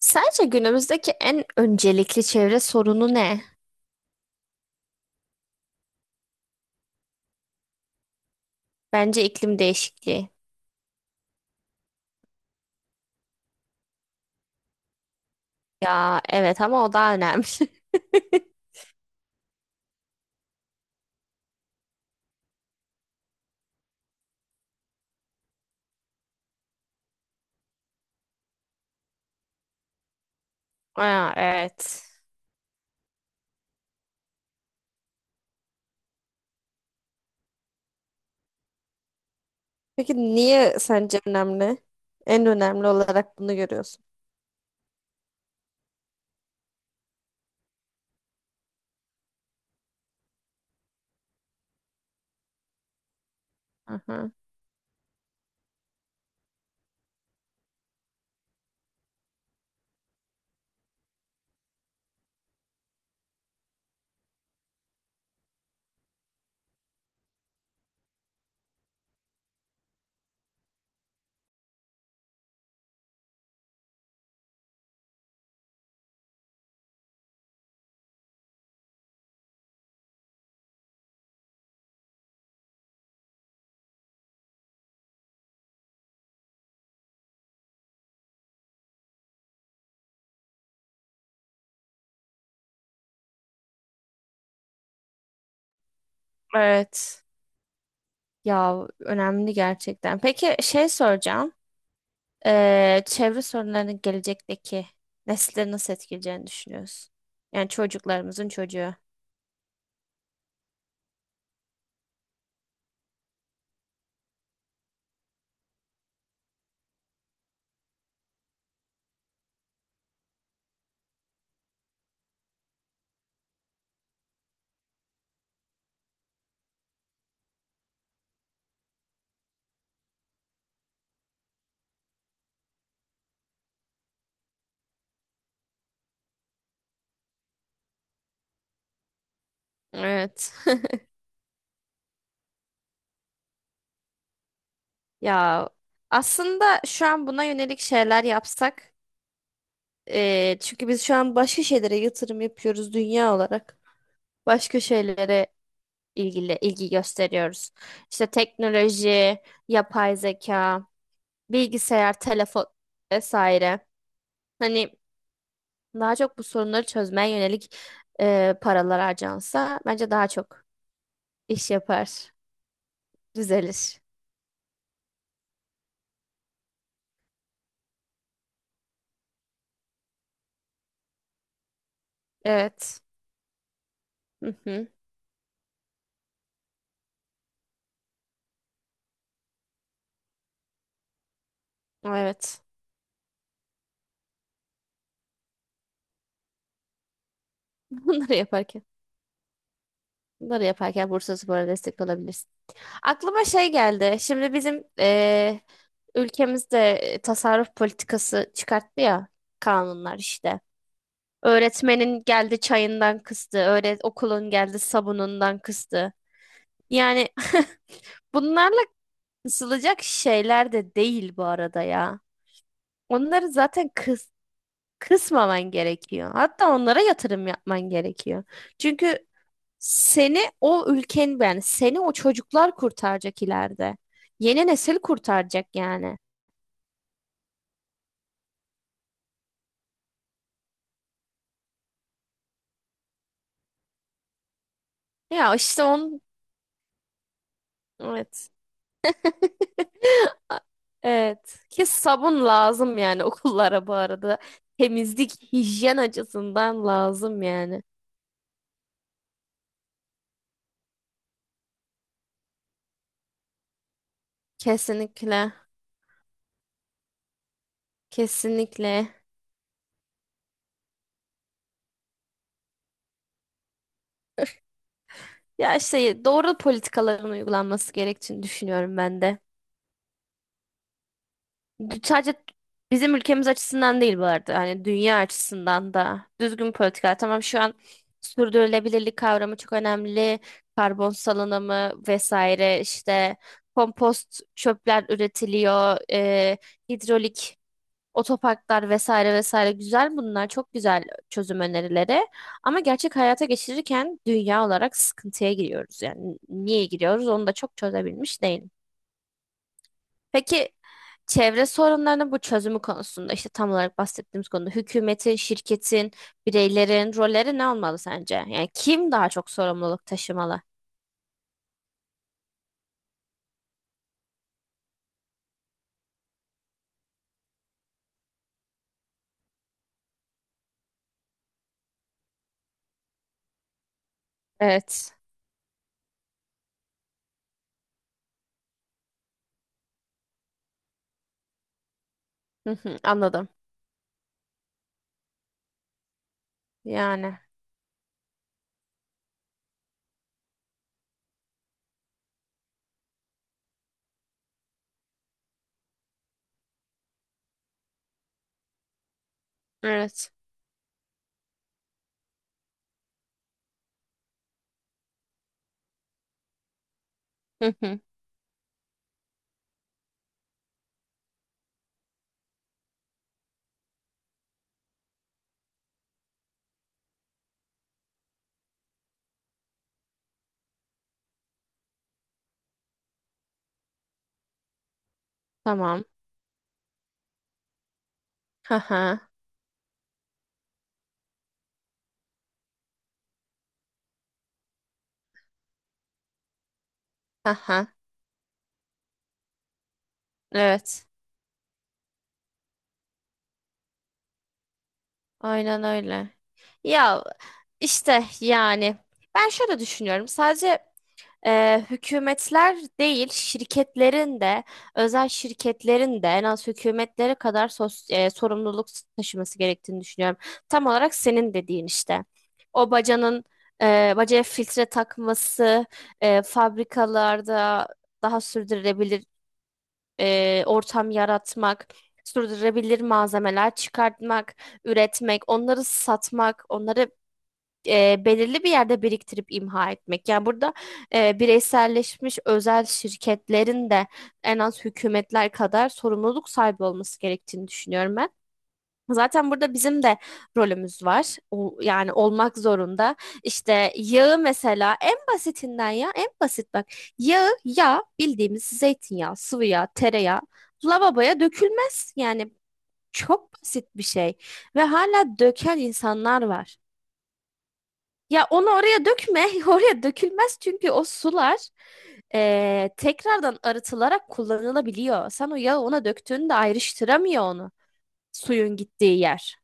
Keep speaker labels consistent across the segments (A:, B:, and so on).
A: Sence günümüzdeki en öncelikli çevre sorunu ne? Bence iklim değişikliği. Ya evet ama o daha önemli. Aa, evet. Peki niye sence önemli? En önemli olarak bunu görüyorsun. Aha, evet. Ya önemli gerçekten. Peki şey soracağım. Çevre sorunlarının gelecekteki nesleri nasıl etkileyeceğini düşünüyorsun? Yani çocuklarımızın çocuğu. Evet. Ya aslında şu an buna yönelik şeyler yapsak çünkü biz şu an başka şeylere yatırım yapıyoruz dünya olarak. Başka şeylere ilgili ilgi gösteriyoruz. İşte teknoloji, yapay zeka, bilgisayar, telefon vesaire. Hani daha çok bu sorunları çözmeye yönelik paralar harcansa bence daha çok iş yapar, düzelir. Evet. Hı hı. Evet. Bunları yaparken, bunları yaparken Bursaspor'a destek olabilir. Aklıma şey geldi. Şimdi bizim ülkemizde tasarruf politikası çıkarttı ya, kanunlar işte. Öğretmenin geldi çayından kıstı, öğret okulun geldi sabunundan kıstı. Yani bunlarla kısılacak şeyler de değil bu arada ya. Onları zaten kısmaman gerekiyor. Hatta onlara yatırım yapman gerekiyor. Çünkü seni o ülken, yani seni o çocuklar kurtaracak ileride. Yeni nesil kurtaracak yani. Ya işte on Evet. Evet. Ki sabun lazım yani okullara bu arada. Temizlik, hijyen açısından lazım yani. Kesinlikle. Kesinlikle. Ya işte doğru politikaların uygulanması gerektiğini düşünüyorum ben de. Sadece bizim ülkemiz açısından değil bu arada. Hani dünya açısından da düzgün politika. Tamam, şu an sürdürülebilirlik kavramı çok önemli. Karbon salınımı vesaire, işte kompost çöpler üretiliyor. Hidrolik otoparklar vesaire vesaire, güzel bunlar, çok güzel çözüm önerileri. Ama gerçek hayata geçirirken dünya olarak sıkıntıya giriyoruz. Yani niye giriyoruz onu da çok çözebilmiş değil. Peki çevre sorunlarının bu çözümü konusunda, işte tam olarak bahsettiğimiz konuda, hükümetin, şirketin, bireylerin rolleri ne olmalı sence? Yani kim daha çok sorumluluk taşımalı? Evet. Hı hı, anladım. Yani. Evet. Hı hı, tamam. Hı hı. Hı hı. Evet. Aynen öyle. Ya işte yani ben şöyle düşünüyorum. Sadece hükümetler değil, şirketlerin de, özel şirketlerin de en az hükümetlere kadar sorumluluk taşıması gerektiğini düşünüyorum. Tam olarak senin dediğin işte. O bacanın, bacaya filtre takması, fabrikalarda daha sürdürülebilir ortam yaratmak, sürdürülebilir malzemeler çıkartmak, üretmek, onları satmak, onları belirli bir yerde biriktirip imha etmek. Yani burada bireyselleşmiş özel şirketlerin de en az hükümetler kadar sorumluluk sahibi olması gerektiğini düşünüyorum ben. Zaten burada bizim de rolümüz var. O, yani olmak zorunda. İşte yağı mesela, en basitinden, ya en basit bak. Yağı, yağ bildiğimiz zeytinyağı, sıvı yağ, tereyağı lavaboya dökülmez. Yani çok basit bir şey ve hala döken insanlar var. Ya onu oraya dökme. Oraya dökülmez çünkü o sular tekrardan arıtılarak kullanılabiliyor. Sen o yağı ona döktüğünde ayrıştıramıyor onu suyun gittiği yer.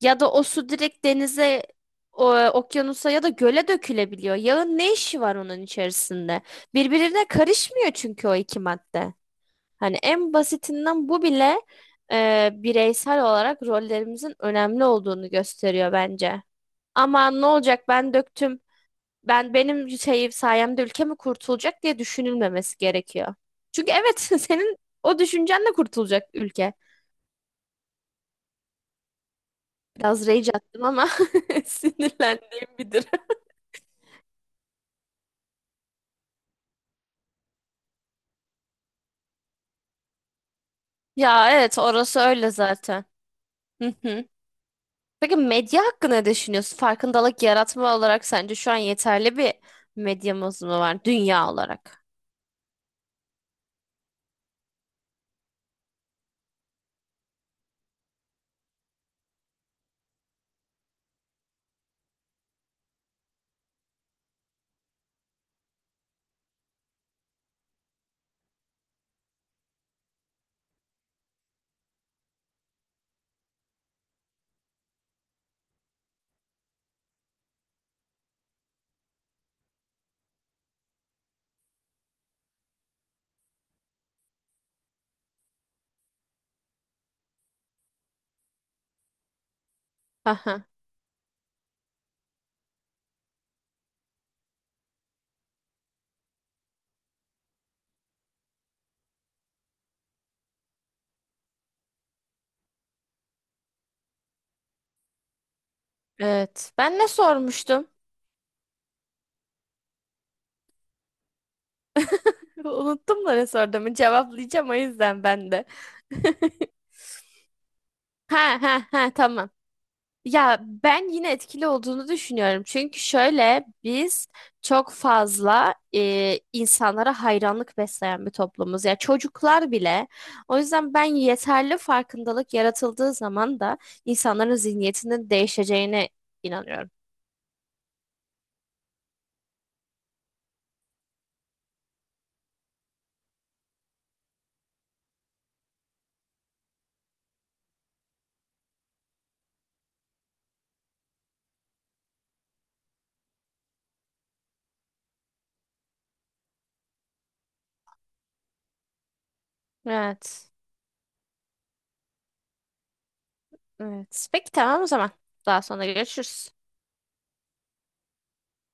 A: Ya da o su direkt denize, o, okyanusa ya da göle dökülebiliyor. Yağın ne işi var onun içerisinde? Birbirine karışmıyor çünkü o iki madde. Hani en basitinden bu bile bireysel olarak rollerimizin önemli olduğunu gösteriyor bence. Ama ne olacak, ben döktüm, ben benim şey sayemde ülke mi kurtulacak diye düşünülmemesi gerekiyor. Çünkü evet, senin o düşüncenle kurtulacak ülke. Biraz rage attım ama sinirlendiğim bir durum. Ya evet, orası öyle zaten. Hı hı. Peki medya hakkında ne düşünüyorsun? Farkındalık yaratma olarak sence şu an yeterli bir medyamız mı var dünya olarak? Aha, evet. Ben ne sormuştum? Unuttum da ne sorduğumu cevaplayacağım o yüzden ben de. Ha ha ha, tamam. Ya ben yine etkili olduğunu düşünüyorum. Çünkü şöyle, biz çok fazla insanlara hayranlık besleyen bir toplumuz. Ya çocuklar bile. O yüzden ben yeterli farkındalık yaratıldığı zaman da insanların zihniyetinin değişeceğine inanıyorum. Evet. Evet. Peki tamam o zaman. Daha sonra görüşürüz.